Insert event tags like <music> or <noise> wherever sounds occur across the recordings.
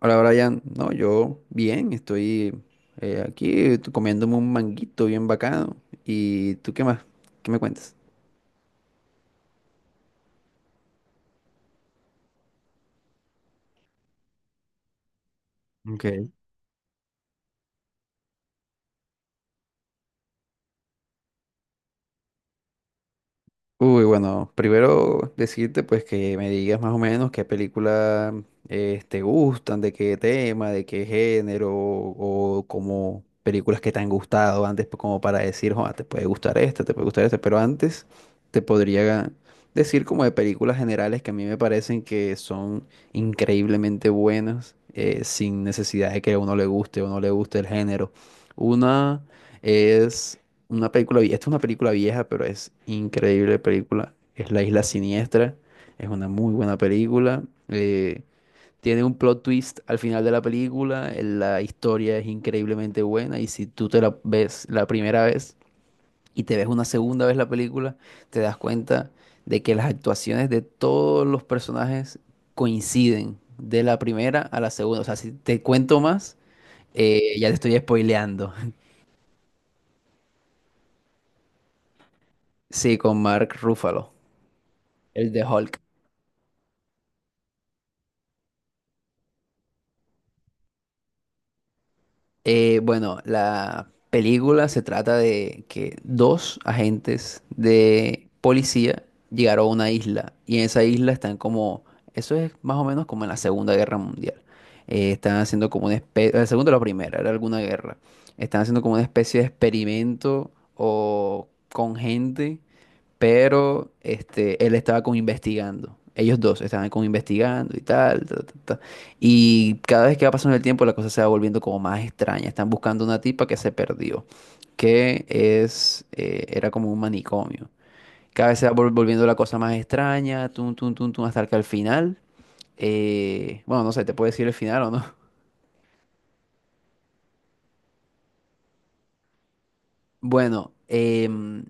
Hola Brian, no, yo bien, estoy comiéndome un manguito bien bacano. ¿Y tú qué más? ¿Qué me cuentas? Ok. Uy, bueno, primero decirte pues que me digas más o menos qué películas te gustan, de qué tema, de qué género o como películas que te han gustado antes pues, como para decir, "Joa, te puede gustar esta, te puede gustar esta, pero antes te podría decir como de películas generales que a mí me parecen que son increíblemente buenas sin necesidad de que a uno le guste o no le guste el género. Una es una película, esta es una película vieja, pero es increíble película. Es La Isla Siniestra. Es una muy buena película. eh, Tiene un plot twist al final de la película. La historia es increíblemente buena. Y si tú te la ves la primera vez y te ves una segunda vez la película, te das cuenta de que las actuaciones de todos los personajes coinciden de la primera a la segunda. O sea, si te cuento más, ya te estoy spoileando. <laughs> Sí, con Mark Ruffalo, el de Hulk. Bueno, la película se trata de que dos agentes de policía llegaron a una isla y en esa isla están como, eso es más o menos como en la Segunda Guerra Mundial. Están haciendo como una especie, la segunda o la primera, era alguna guerra. Están haciendo como una especie de experimento o con gente pero este, él estaba como investigando. Ellos dos estaban como investigando y tal, ta, ta, ta. Y cada vez que va pasando el tiempo, la cosa se va volviendo como más extraña. Están buscando una tipa que se perdió, era como un manicomio. Cada vez se va volviendo la cosa más extraña, tum, tum, tum, tum, hasta que al final, bueno, no sé, te puedo decir el final o no. Bueno,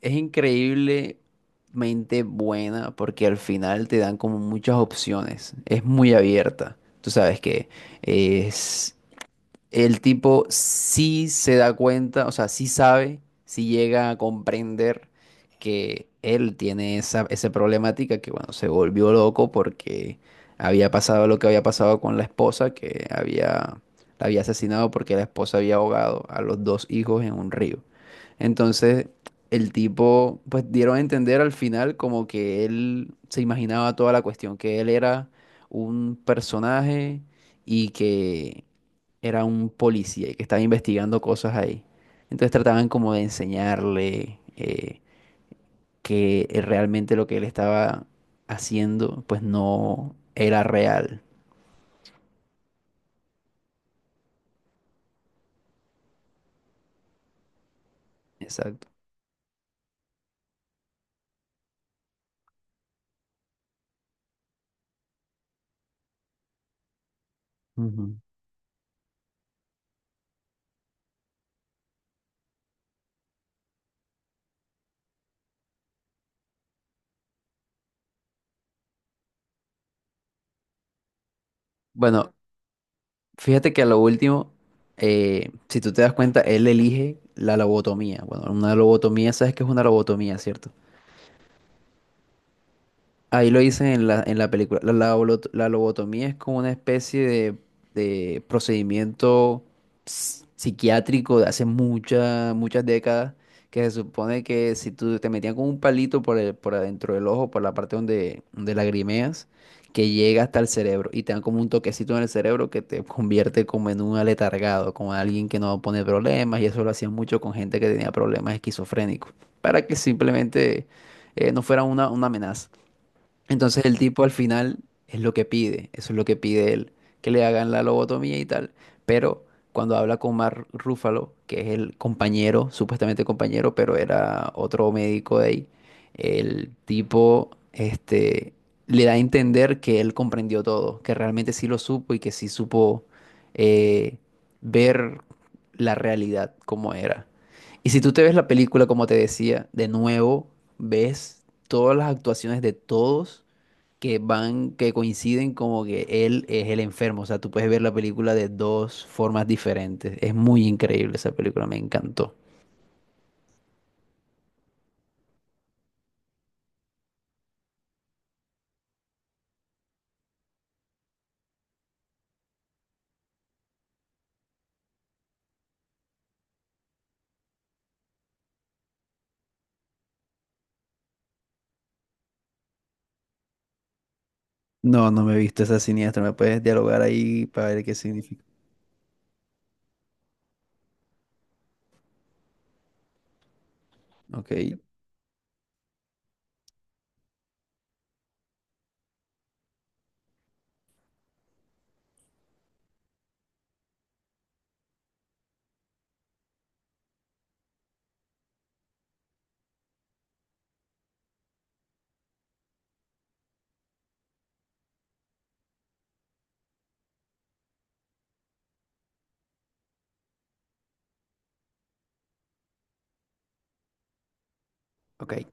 es increíblemente buena porque al final te dan como muchas opciones. Es muy abierta. Tú sabes que es el tipo sí se da cuenta, o sea, sí sabe, sí llega a comprender que él tiene esa problemática, que bueno, se volvió loco porque había pasado lo que había pasado con la esposa, que había, la había asesinado porque la esposa había ahogado a los dos hijos en un río. Entonces, el tipo, pues dieron a entender al final como que él se imaginaba toda la cuestión, que él era un personaje y que era un policía y que estaba investigando cosas ahí. Entonces trataban como de enseñarle que realmente lo que él estaba haciendo pues no era real. Exacto. Ujú. Bueno, fíjate que a lo último, si tú te das cuenta, él elige la lobotomía. Bueno, una lobotomía, sabes que es una lobotomía, ¿cierto? Ahí lo dicen en en la película. La lobotomía es como una especie de procedimiento psiquiátrico de hace muchas, muchas décadas, que se supone que si tú te metían con un palito por el, por adentro del ojo, por la parte donde, donde lagrimeas, que llega hasta el cerebro y te dan como un toquecito en el cerebro que te convierte como en un aletargado, como alguien que no pone problemas, y eso lo hacían mucho con gente que tenía problemas esquizofrénicos, para que simplemente no fuera una amenaza. Entonces el tipo al final es lo que pide, eso es lo que pide él, que le hagan la lobotomía y tal. Pero cuando habla con Mark Ruffalo, que es el compañero, supuestamente compañero, pero era otro médico de ahí, el tipo este, le da a entender que él comprendió todo, que realmente sí lo supo y que sí supo eh, ver la realidad como era. Y si tú te ves la película, como te decía, de nuevo, ves todas las actuaciones de todos que van, que coinciden como que él es el enfermo. O sea, tú puedes ver la película de dos formas diferentes. Es muy increíble esa película, me encantó. No, no me he visto esa siniestra. ¿Me puedes dialogar ahí para ver qué significa? Ok, ok.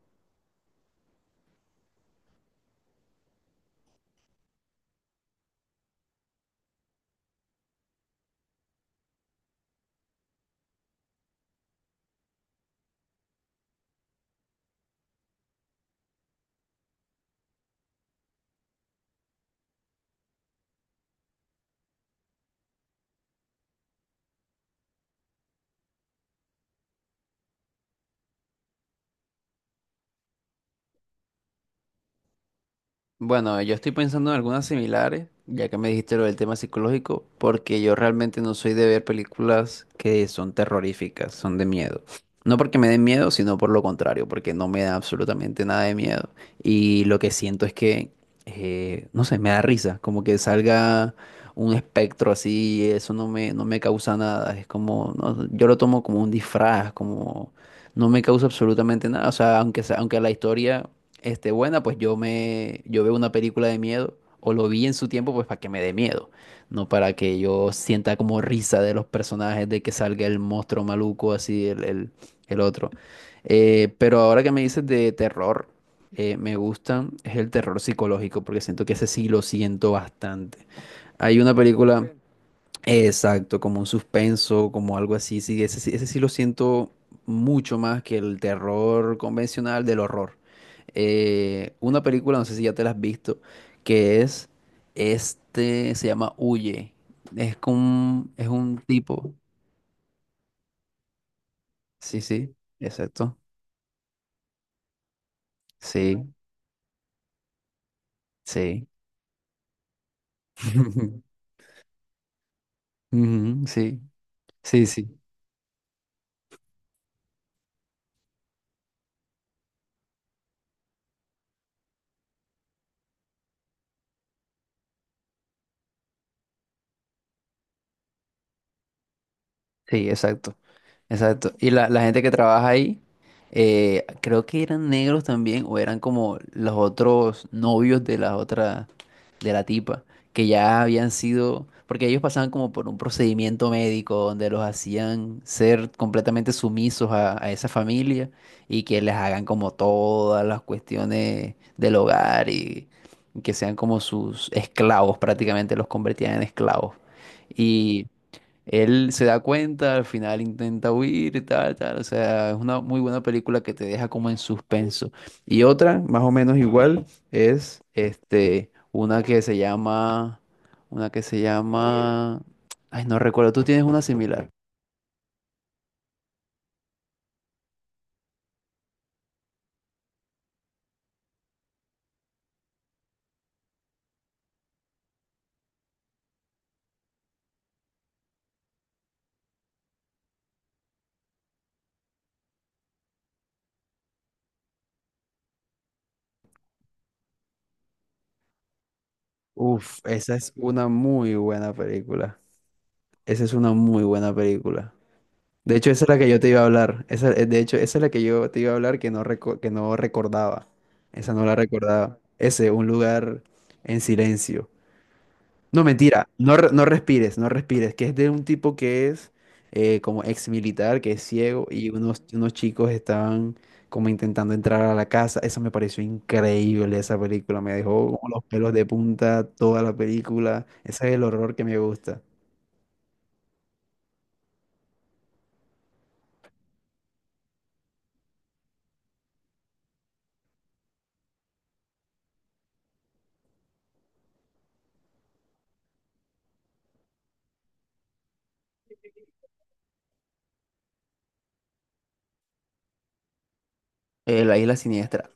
Bueno, yo estoy pensando en algunas similares, ya que me dijiste lo del tema psicológico, porque yo realmente no soy de ver películas que son terroríficas, son de miedo. No porque me den miedo, sino por lo contrario, porque no me da absolutamente nada de miedo. Y lo que siento es que, no sé, me da risa, como que salga un espectro así, eso no me causa nada. Es como, no, yo lo tomo como un disfraz, como no me causa absolutamente nada. O sea, aunque la historia este, buena, pues yo veo una película de miedo, o lo vi en su tiempo, pues para que me dé miedo, no para que yo sienta como risa de los personajes, de que salga el monstruo maluco, así, el otro. Pero ahora que me dices de terror, me gustan, es el terror psicológico, porque siento que ese sí lo siento bastante. Hay una película. Exacto, como un suspenso, como algo así. Sí, ese, ese sí lo siento mucho más que el terror convencional del horror. Una película, no sé si ya te la has visto, que es este, se llama Huye. Es con, es un tipo. Sí, sí, exacto. Sí, sí. <laughs> Ujú, sí, sí, sí. Sí, exacto, exacto. Y la gente que trabaja ahí, creo que eran negros también, o eran como los otros novios de la otra, de la tipa, que ya habían sido, porque ellos pasaban como por un procedimiento médico donde los hacían ser completamente sumisos a esa familia y que les hagan como todas las cuestiones del hogar y que sean como sus esclavos, prácticamente los convertían en esclavos. Y él se da cuenta, al final intenta huir y tal, tal. O sea, es una muy buena película que te deja como en suspenso. Y otra, más o menos igual, es este, una que se llama, ay, no recuerdo, tú tienes una similar. Uf, esa es una muy buena película. Esa es una muy buena película. De hecho, esa es la que yo te iba a hablar. De hecho, esa es la que yo te iba a hablar que no, que no recordaba. Esa no la recordaba. Ese, un lugar en silencio. No, mentira. No, no respires, no respires. Que es de un tipo que es como ex militar, que es ciego, y unos chicos estaban como intentando entrar a la casa. Esa me pareció increíble, esa película. Me dejó como los pelos de punta toda la película. Ese es el horror que me gusta. La isla siniestra.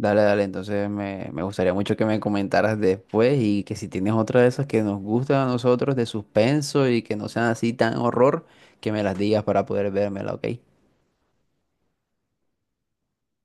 Dale, dale, entonces me gustaría mucho que me comentaras después y que si tienes otra de esas que nos gustan a nosotros de suspenso y que no sean así tan horror, que me las digas para poder vérmela, ¿ok?